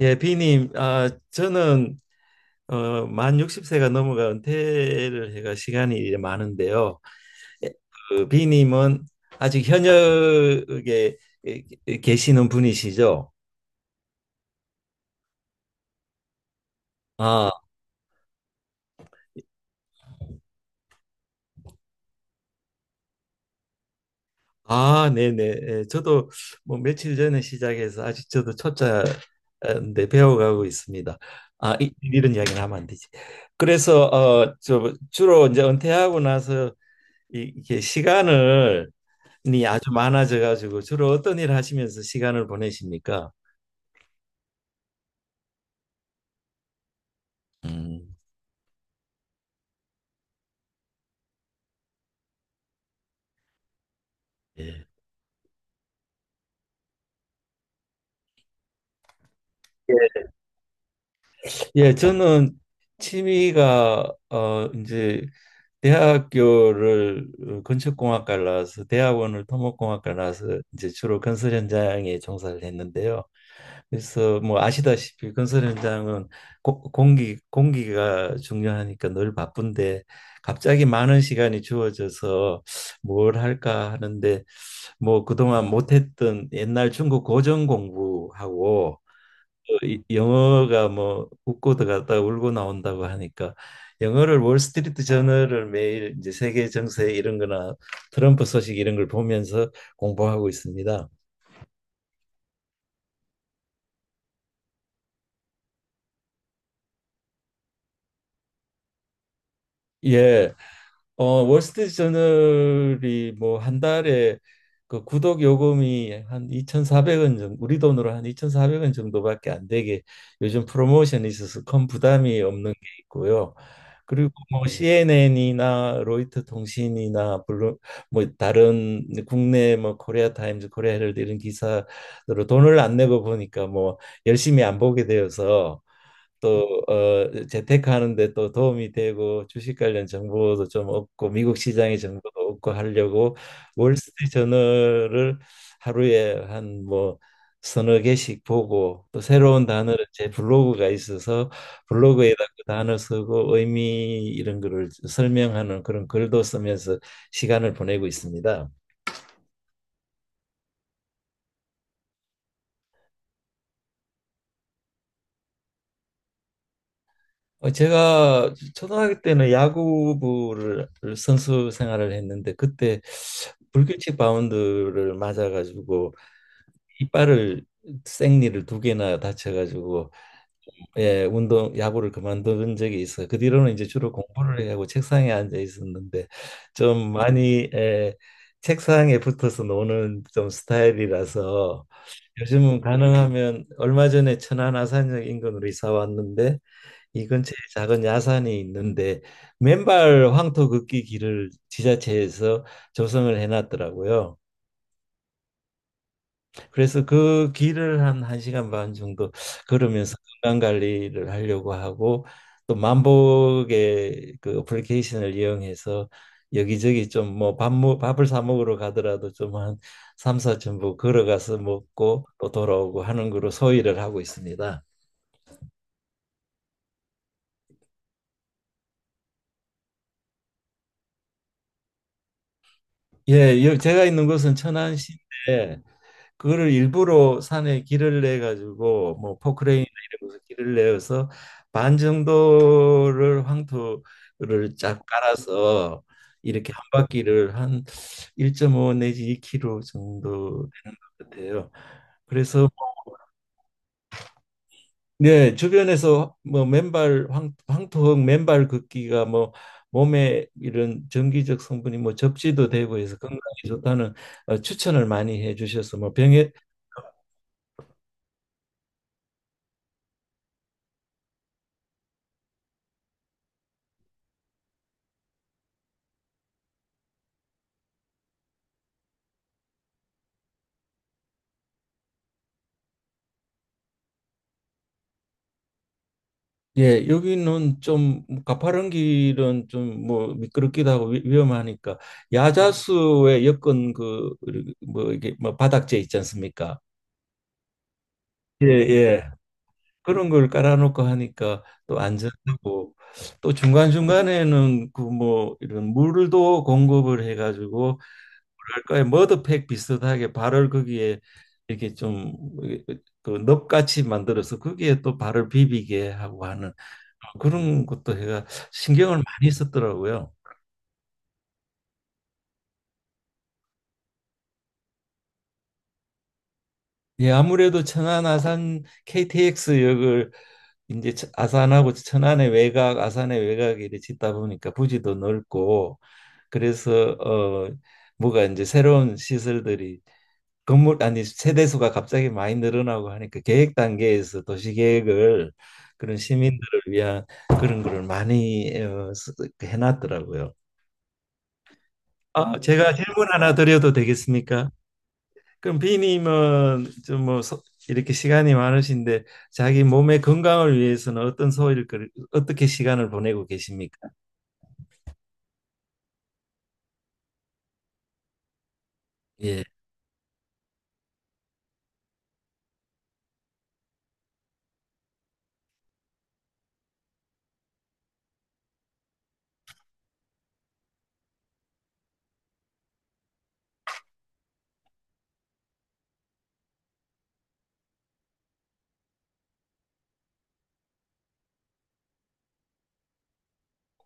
예, 비님, 아, 저는 만 60세가 넘어가 은퇴를 해가 시간이 이제 많은데요. 예, 그 비님은 아직 현역에 계시는 분이시죠? 아, 아, 네네. 예, 저도 뭐 며칠 전에 시작해서 아직 저도 초짜인데 배워가고 있습니다. 아, 이, 런 이야기는 하면 안 되지. 그래서 저 주로 이제 은퇴하고 나서 이게 시간을 이 네. 아주 많아져 가지고 주로 어떤 일 하시면서 시간을 보내십니까? 음, 예. 예, 저는 취미가 이제 대학교를 건축공학과를 나와서 대학원을 토목공학과를 나와서 이제 주로 건설 현장에 종사를 했는데요. 그래서 뭐 아시다시피 건설 현장은 공기가 중요하니까 늘 바쁜데 갑자기 많은 시간이 주어져서 뭘 할까 하는데 뭐 그동안 못했던 옛날 중국 고전 공부하고 영어가 뭐 웃고 들어갔다가 울고 나온다고 하니까 영어를, 월스트리트 저널을 매일 이제 세계 정세 이런 거나 트럼프 소식 이런 걸 보면서 공부하고 있습니다. 예. 월스트리트 저널이 뭐 한 달에 그 구독 요금이 한 2,400원 정도, 우리 돈으로 한 2,400원 정도밖에 안 되게 요즘 프로모션이 있어서 큰 부담이 없는 게 있고요. 그리고 뭐 네. CNN이나 로이터 통신이나 블루, 뭐 다른 국내 뭐 코리아 타임즈, 코리아 헤럴드 이런 기사로 돈을 안 내고 보니까 뭐 열심히 안 보게 되어서, 또 재테크하는데 또 도움이 되고 주식 관련 정보도 좀 얻고 미국 시장의 정보도 얻고 하려고, 월스트리트 저널을 하루에 한 뭐 서너 개씩 보고, 또 새로운 단어를 제 블로그가 있어서 블로그에다 그 단어 쓰고 의미 이런 거를 설명하는 그런 글도 쓰면서 시간을 보내고 있습니다. 제가 초등학교 때는 야구부를 선수 생활을 했는데, 그때 불규칙 바운드를 맞아가지고 이빨을, 생니를 두 개나 다쳐가지고 예 운동, 야구를 그만둔 적이 있어. 요그 뒤로는 이제 주로 공부를 하고 책상에 앉아 있었는데, 좀 많이, 예, 책상에 붙어서 노는 좀 스타일이라서, 요즘은 가능하면, 얼마 전에 천안 아산역 인근으로 이사 왔는데 이 근처에 작은 야산이 있는데, 맨발 황토 걷기 길을 지자체에서 조성을 해놨더라고요. 그래서 그 길을 한 1시간 반 정도 걸으면서 건강 관리를 하려고 하고, 또 만복의 그 어플리케이션을 이용해서 여기저기 좀 뭐 밥, 밥을 사 먹으러 가더라도 좀 한 삼사천보 걸어가서 먹고 또 돌아오고 하는 거로 소일을 하고 있습니다. 예, 제가 있는 곳은 천안시인데, 그거를 일부러 산에 길을 내 가지고 뭐 포크레인이나 이런 곳에 길을 내어서 반 정도를 황토를 쫙 깔아서 이렇게 한 바퀴를 한 1.5 내지 2km 정도 같아요. 그래서 네, 주변에서 뭐 맨발 황토흙 맨발 걷기가 뭐 몸에 이런 전기적 성분이 뭐 접지도 되고 해서 건강에 좋다는, 추천을 많이 해주셔서, 뭐 병에, 예, 여기는 좀 가파른 길은 좀 뭐 미끄럽기도 하고 위험하니까 야자수의 여건 그 뭐 이게 뭐 바닥재 있지 않습니까? 예, 예. 그런 걸 깔아놓고 하니까 또 안전하고, 또 중간중간에는 그 뭐 이런 물도 공급을 해가지고 뭐랄까요, 머드팩 비슷하게 발을 거기에 이렇게 좀그 넙같이 만들어서 거기에 또 발을 비비게 하고 하는 그런 것도 해가 신경을 많이 썼더라고요. 예, 아무래도 천안 아산 KTX역을 이제 아산하고 천안의 외곽, 아산의 외곽에 이렇게 짓다 보니까 부지도 넓고, 그래서 뭐가 이제 새로운 시설들이, 건물 아니 세대수가 갑자기 많이 늘어나고 하니까 계획 단계에서 도시 계획을, 그런 시민들을 위한 그런 거를 많이 해놨더라고요. 아, 제가 질문 하나 드려도 되겠습니까? 그럼 비님은 좀 뭐 이렇게 시간이 많으신데 자기 몸의 건강을 위해서는 어떤 소일, 어떻게 시간을 보내고 계십니까? 예.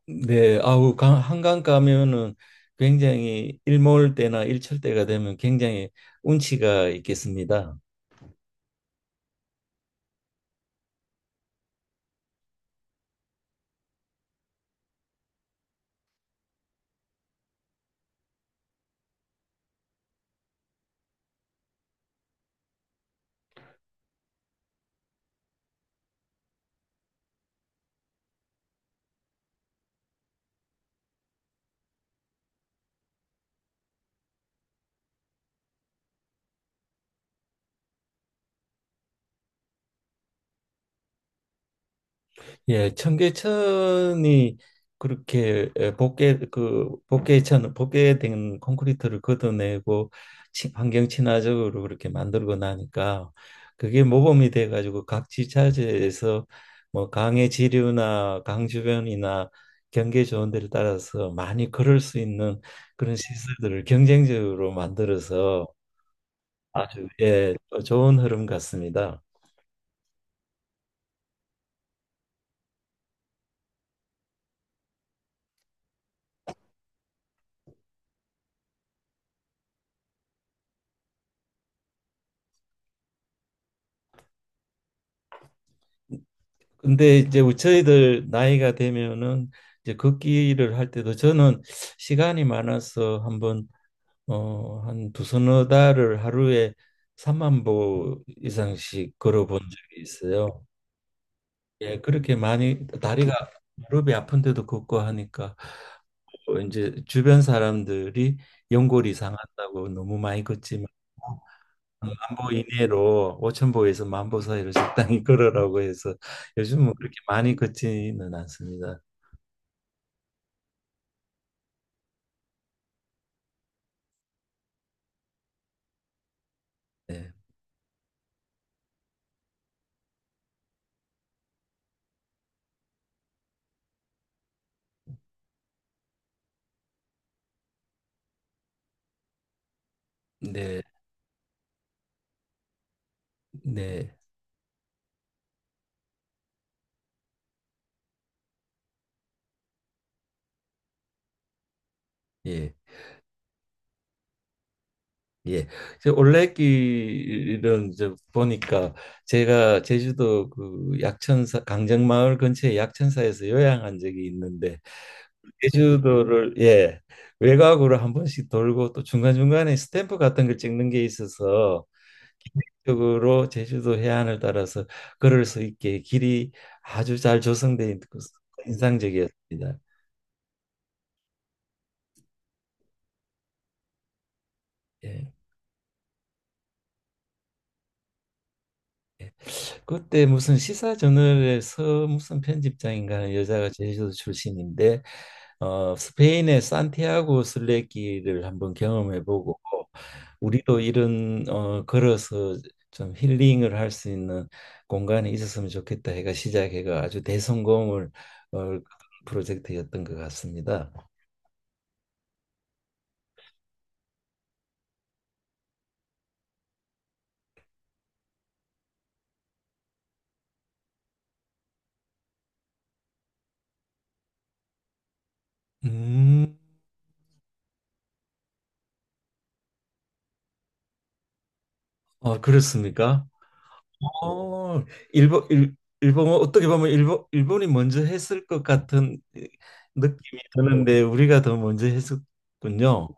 네, 아우 한강 가면은 굉장히, 일몰 때나 일출 때가 되면 굉장히 운치가 있겠습니다. 예, 청계천이 그렇게 복개, 그 복개천, 복개된 콘크리트를 걷어내고 환경 친화적으로 그렇게 만들고 나니까, 그게 모범이 돼 가지고 각 지자체에서 뭐 강의 지류나 강 주변이나 경계 좋은 데를 따라서 많이 걸을 수 있는 그런 시설들을 경쟁적으로 만들어서, 아주, 예, 좋은 흐름 같습니다. 근데 이제 우리 저희들 나이가 되면은 이제 걷기를 할 때도, 저는 시간이 많아서 한번 한 두서너 달을 하루에 3만 보 이상씩 걸어본 적이 있어요. 예, 그렇게 많이 다리가, 무릎이 아픈데도 걷고 하니까, 이제 주변 사람들이 연골이 상한다고, 너무 많이 걷지만 1만 보 이내로, 오천보에서 1만 보 사이로 적당히 걸으라고 해서 요즘은 그렇게 많이 걷지는 않습니다. 네, 네, 네, 예, 예. 저 올레길은 저 보니까, 제가 제주도 그 약천사, 강정마을 근처에 약천사에서 요양한 적이 있는데, 제주도를, 예, 외곽으로 한 번씩 돌고 또 중간중간에 스탬프 같은 걸 찍는 게 있어서, 쪽으로 제주도 해안을 따라서 걸을 수 있게 길이 아주 잘 조성돼 있고 인상적이었습니다. 예. 예. 그때 무슨 시사 저널에서 무슨 편집장인가 하는 여자가 제주도 출신인데, 스페인의 산티아고 순례길을 한번 경험해보고 우리도 이런 걸어서 좀 힐링을 할 수 있는 공간이 있었으면 좋겠다 해가 시작해가, 아주 대성공을, 어, 프로젝트였던 것 같습니다. 음, 아, 그렇습니까? 어, 일본, 어떻게 보면 일본이 먼저 했을 것 같은 느낌이 드는데, 우리가 더 먼저 했었군요.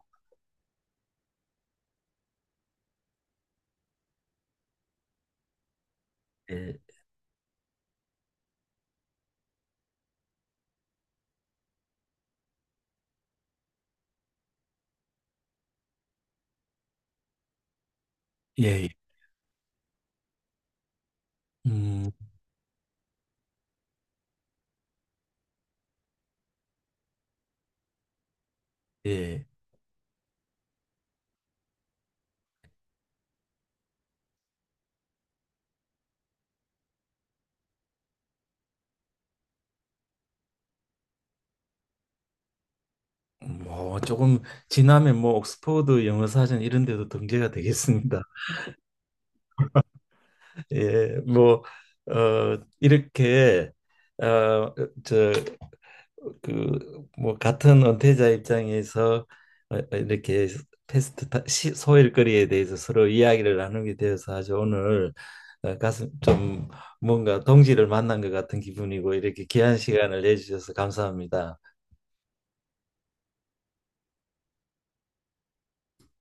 예, 예, 예. 음, 예. 뭐, 조금 지나면 뭐, 옥스퍼드 영어 사전 이런 데도 등재가 되겠습니다. 예, 뭐, 이렇게, 어, 저, 그 뭐 같은 은퇴자 입장에서 이렇게 패스트 소일거리에 대해서 서로 이야기를 나누게 되어서, 아주, 오늘 가슴 좀 뭔가 동지를 만난 것 같은 기분이고, 이렇게 귀한 시간을 내주셔서 감사합니다.